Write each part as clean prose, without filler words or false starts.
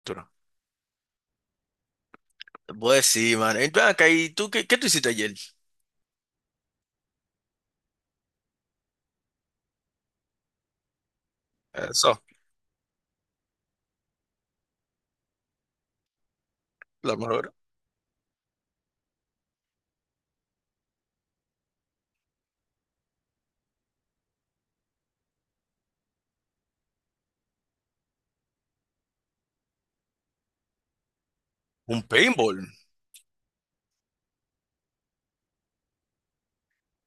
Arturo. Pues sí, man. Entonces acá, ¿y tú qué, qué tú hiciste ayer? Eso, lo mejor. Un paintball.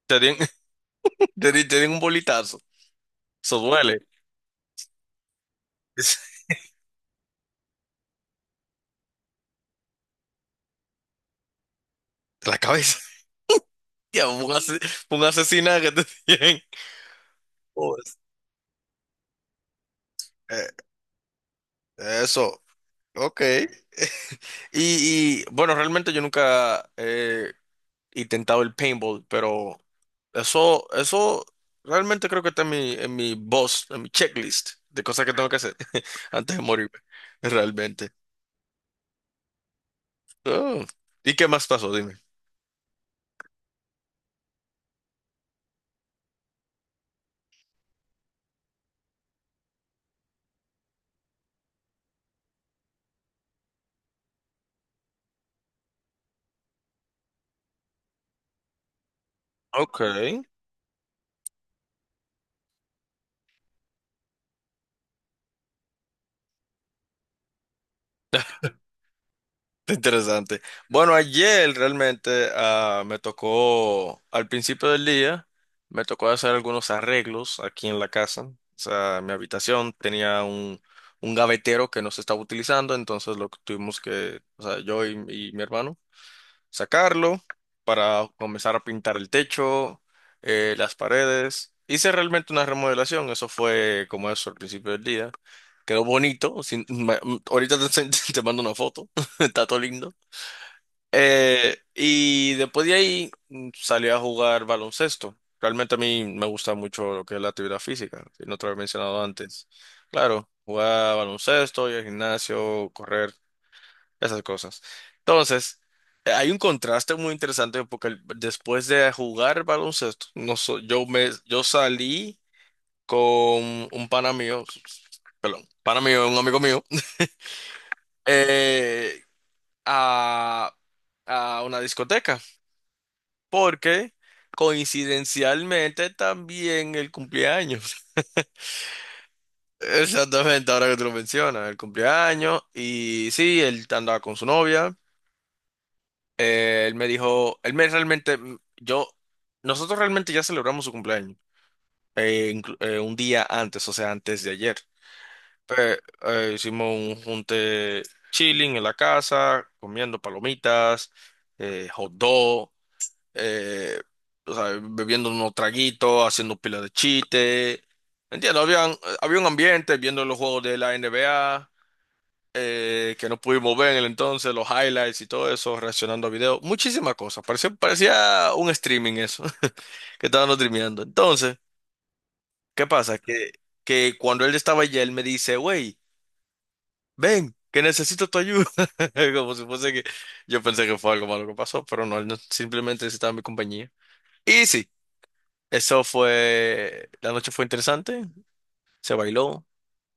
Te dieron, te dieron un bolitazo. Eso duele. De la cabeza. Ya, un asesinato que te dieron. Pues, eh, eso, ok. Bueno, realmente yo nunca he intentado el paintball, pero eso realmente creo que está en mi boss, en mi checklist de cosas que tengo que hacer antes de morirme, realmente. Oh, ¿Y qué más pasó? Dime. Ok, interesante. Bueno, ayer realmente me tocó, al principio del día, me tocó hacer algunos arreglos aquí en la casa. O sea, mi habitación tenía un gavetero que no se estaba utilizando, entonces lo que tuvimos que, o sea, yo y mi hermano. Sacarlo para comenzar a pintar el techo, las paredes. Hice realmente una remodelación, eso fue como eso al principio del día. Quedó bonito, ahorita te, te mando una foto, está todo lindo. Y después de ahí salí a jugar baloncesto. Realmente a mí me gusta mucho lo que es la actividad física, si no te lo había mencionado antes. Claro, jugar baloncesto, ir al gimnasio, correr esas cosas. Entonces, hay un contraste muy interesante porque después de jugar baloncesto, no so- yo salí con un pana mío, perdón, pana mío, un amigo mío, eh, a, a una discoteca porque coincidencialmente también el cumpleaños. Exactamente, ahora que tú lo mencionas, el cumpleaños y sí, él andaba con su novia. Él me dijo, él me realmente, nosotros realmente ya celebramos su cumpleaños, un día antes, o sea, antes de ayer. Pe- hicimos un junte chilling en la casa, comiendo palomitas, hot dog, eh, o sea, bebiendo unos traguitos, haciendo pila de chiste. Entiendo, había un ambiente, viendo los juegos de la NBA que no pudimos ver en el entonces, los highlights y todo eso, reaccionando a videos, muchísimas cosas. Parecía un streaming eso, que estaban streameando. Entonces, ¿qué pasa? Que cuando él estaba allá, él me dice, wey, ven, que necesito tu ayuda. Como si fuese que yo pensé que fue algo malo que pasó, pero no, él no- simplemente necesitaba mi compañía. Y sí, eso fue, la noche fue interesante, se bailó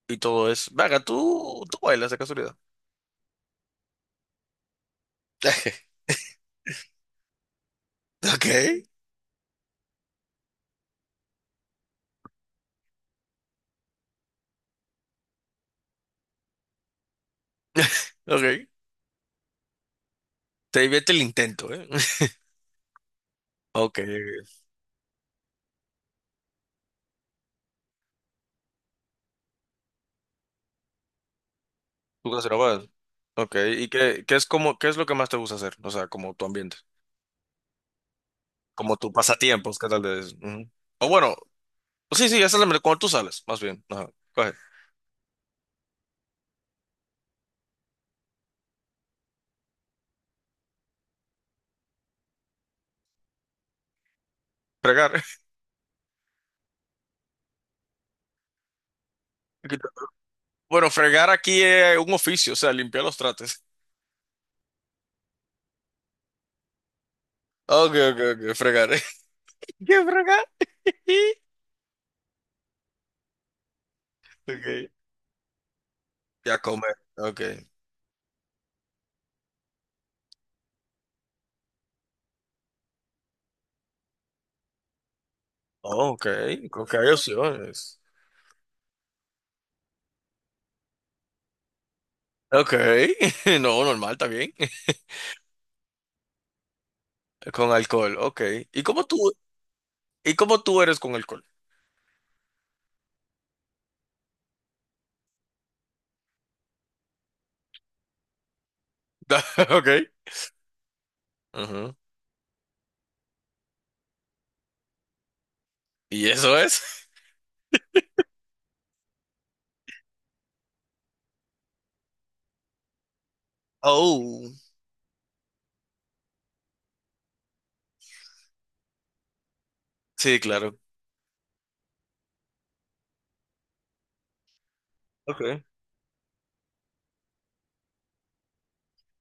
y todo eso. Venga, tú bailas de casualidad. Ok, ok. Te divierte el intento, ¿eh? Ok. Tú Casanova. Ok. ¿Y qué, qué es como, qué es lo que más te gusta hacer? O sea, como tu ambiente. Como tu pasatiempos, ¿qué tal de eso? Ujú. O bueno, sí, esa es cuando tú sales, más bien. Ajá. Coge. Fregar. Bueno, fregar aquí es un oficio, o sea, limpiar los trates. Ok, ok, ok. Fregar. ¿Qué fregar? Y. Ok. Ya comer. Ok. Oh, ok. Creo que hay opciones. Ok. No, normal, está bien. Con alcohol, ok. ¿Y cómo tú? ¿Y cómo tú eres con alcohol? Ok. Ujú. ¿Y eso es? Oh. Sí, claro. Okay.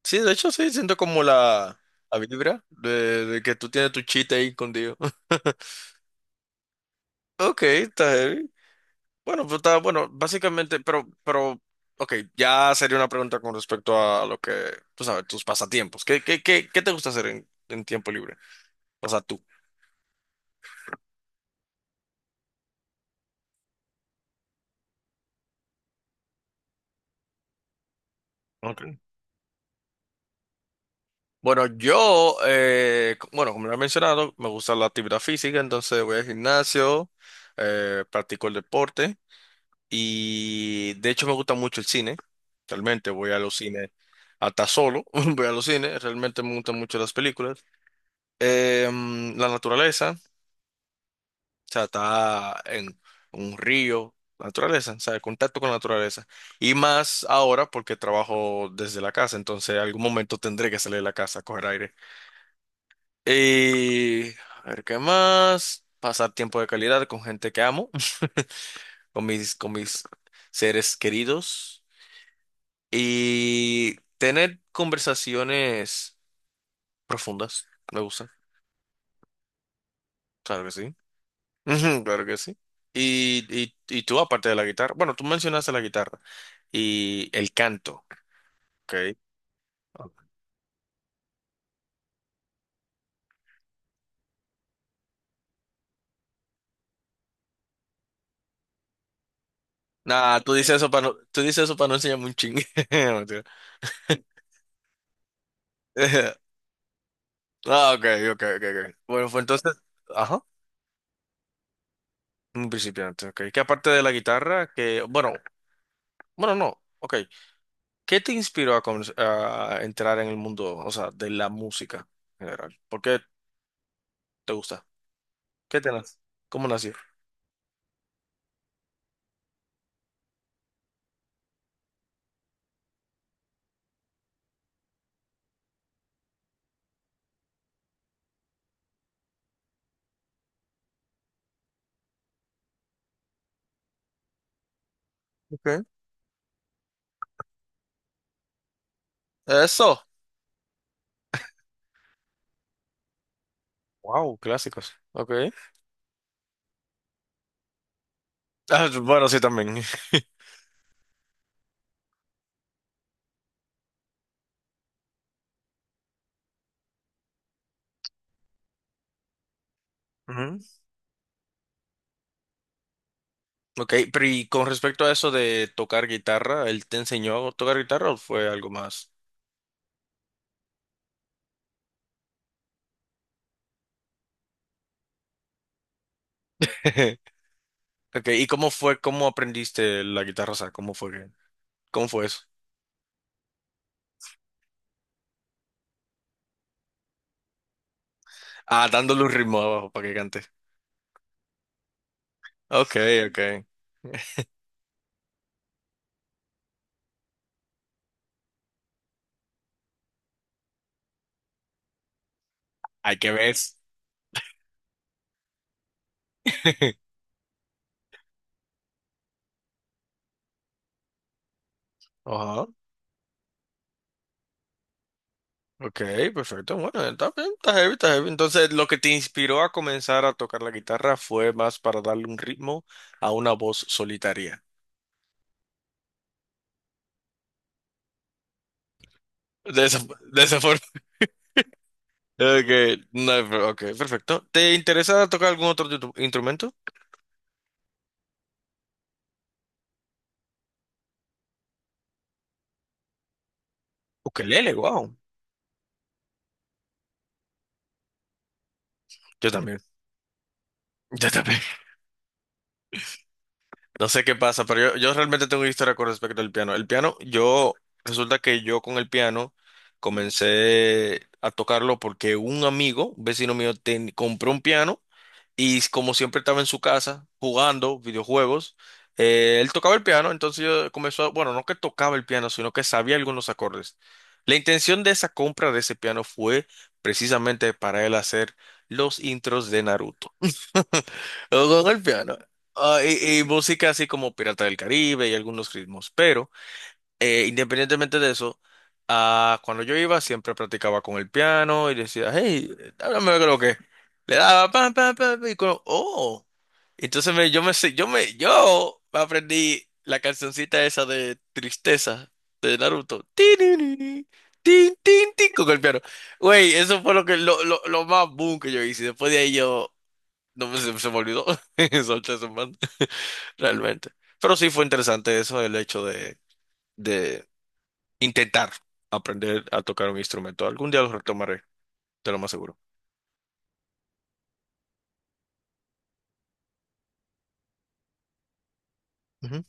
Sí, de hecho, sí, siento como la vibra de que tú tienes tu chiste ahí escondido. Ok, está heavy. Bueno, pues está, bueno, básicamente, ok, ya sería una pregunta con respecto a lo que, tú sabes, tus pasatiempos. ¿Qué, qué, qué, qué te gusta hacer en tiempo libre? O sea, tú. Ok. Bueno, yo, bueno, como lo he mencionado, me gusta la actividad física, entonces voy al gimnasio, practico el deporte y de hecho me gusta mucho el cine. Realmente voy a los cines hasta solo, voy a los cines, realmente me gustan mucho las películas. La naturaleza, o sea, está en un río, la naturaleza, o sea, el contacto con la naturaleza. Y más ahora porque trabajo desde la casa, entonces algún momento tendré que salir de la casa a coger aire. Y a ver qué más. Pasar tiempo de calidad con gente que amo, con mis seres queridos. Y tener conversaciones profundas. Me gusta. Claro que sí. Ujú, claro que sí. Y tú, aparte de la guitarra, bueno, tú mencionaste la guitarra y el canto, ¿ok? Ok. Nah, tú dices eso para no enseñarme un chingue. Mentira. Ok, ok, ok, ok. Bueno, fue entonces, ajá. Un principiante, ok. Que aparte de la guitarra, que, bueno, bueno, no, ok. ¿Qué te inspiró a, a entrar en el mundo, o sea, de la música en general? ¿Por qué te gusta? ¿Qué te nace? ¿Cómo nació? Okay. Eso. Wow, clásicos. Ok. Ah, bueno, sí, también. Ujú. Ok, pero y con respecto a eso de tocar guitarra, ¿él te enseñó a tocar guitarra o fue algo más? Ok, ¿y cómo fue, cómo aprendiste la guitarra? O sea, ¿cómo fue que, cómo fue eso? Ah, dándole un ritmo abajo para que cante. Ok, ok. Hay que ver. Ajá. Ok, perfecto. Bueno, está bien, está heavy. Entonces, lo que te inspiró a comenzar a tocar la guitarra fue más para darle un ritmo a una voz solitaria. De esa, de esa forma. Ok, no, ok, perfecto. ¿Te interesa tocar algún otro instrumento? Ukelele, wow. Yo también. Yo también. No sé qué pasa, pero yo realmente tengo una historia con respecto al piano. Resulta que yo con el piano comencé a tocarlo porque un amigo, un vecino mío, compró un piano y como siempre estaba en su casa jugando videojuegos, él tocaba el piano, entonces yo comenzó, bueno, no que tocaba el piano, sino que sabía algunos acordes. La intención de esa compra de ese piano fue precisamente para él hacer los intros de Naruto. Con el piano. Ah, y música así como Pirata del Caribe y algunos ritmos, pero independientemente de eso, cuando yo iba siempre practicaba con el piano y decía, hey, háblame de lo que. Es". Le daba pam, pam, pam, pam, y con, oh. Entonces me, yo me sé- yo me, yo aprendí la cancioncita esa de Tristeza de Naruto. Tin, tin, tin, tin, tin, tin, con el piano. Güey, eso fue lo que, lo más boom que yo hice. Después de ahí yo, no me, se me olvidó. Solté ese man, realmente. Pero sí fue interesante eso, el hecho de, intentar aprender a tocar un instrumento. Algún día lo retomaré, te lo más seguro. Ujú.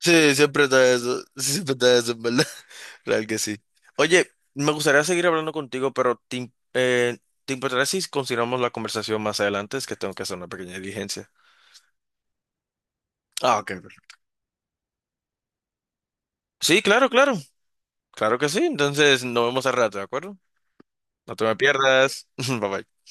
Sí, siempre está eso. Sí, siempre está eso, en verdad. Real que sí. Oye, me gustaría seguir hablando contigo, pero ¿te importaría si continuamos la conversación más adelante? Es que tengo que hacer una pequeña diligencia. Ah, ok. Perfecto. Sí, claro, claro. Claro que sí. Entonces, nos vemos al rato, ¿de acuerdo? No te me pierdas. Bye bye.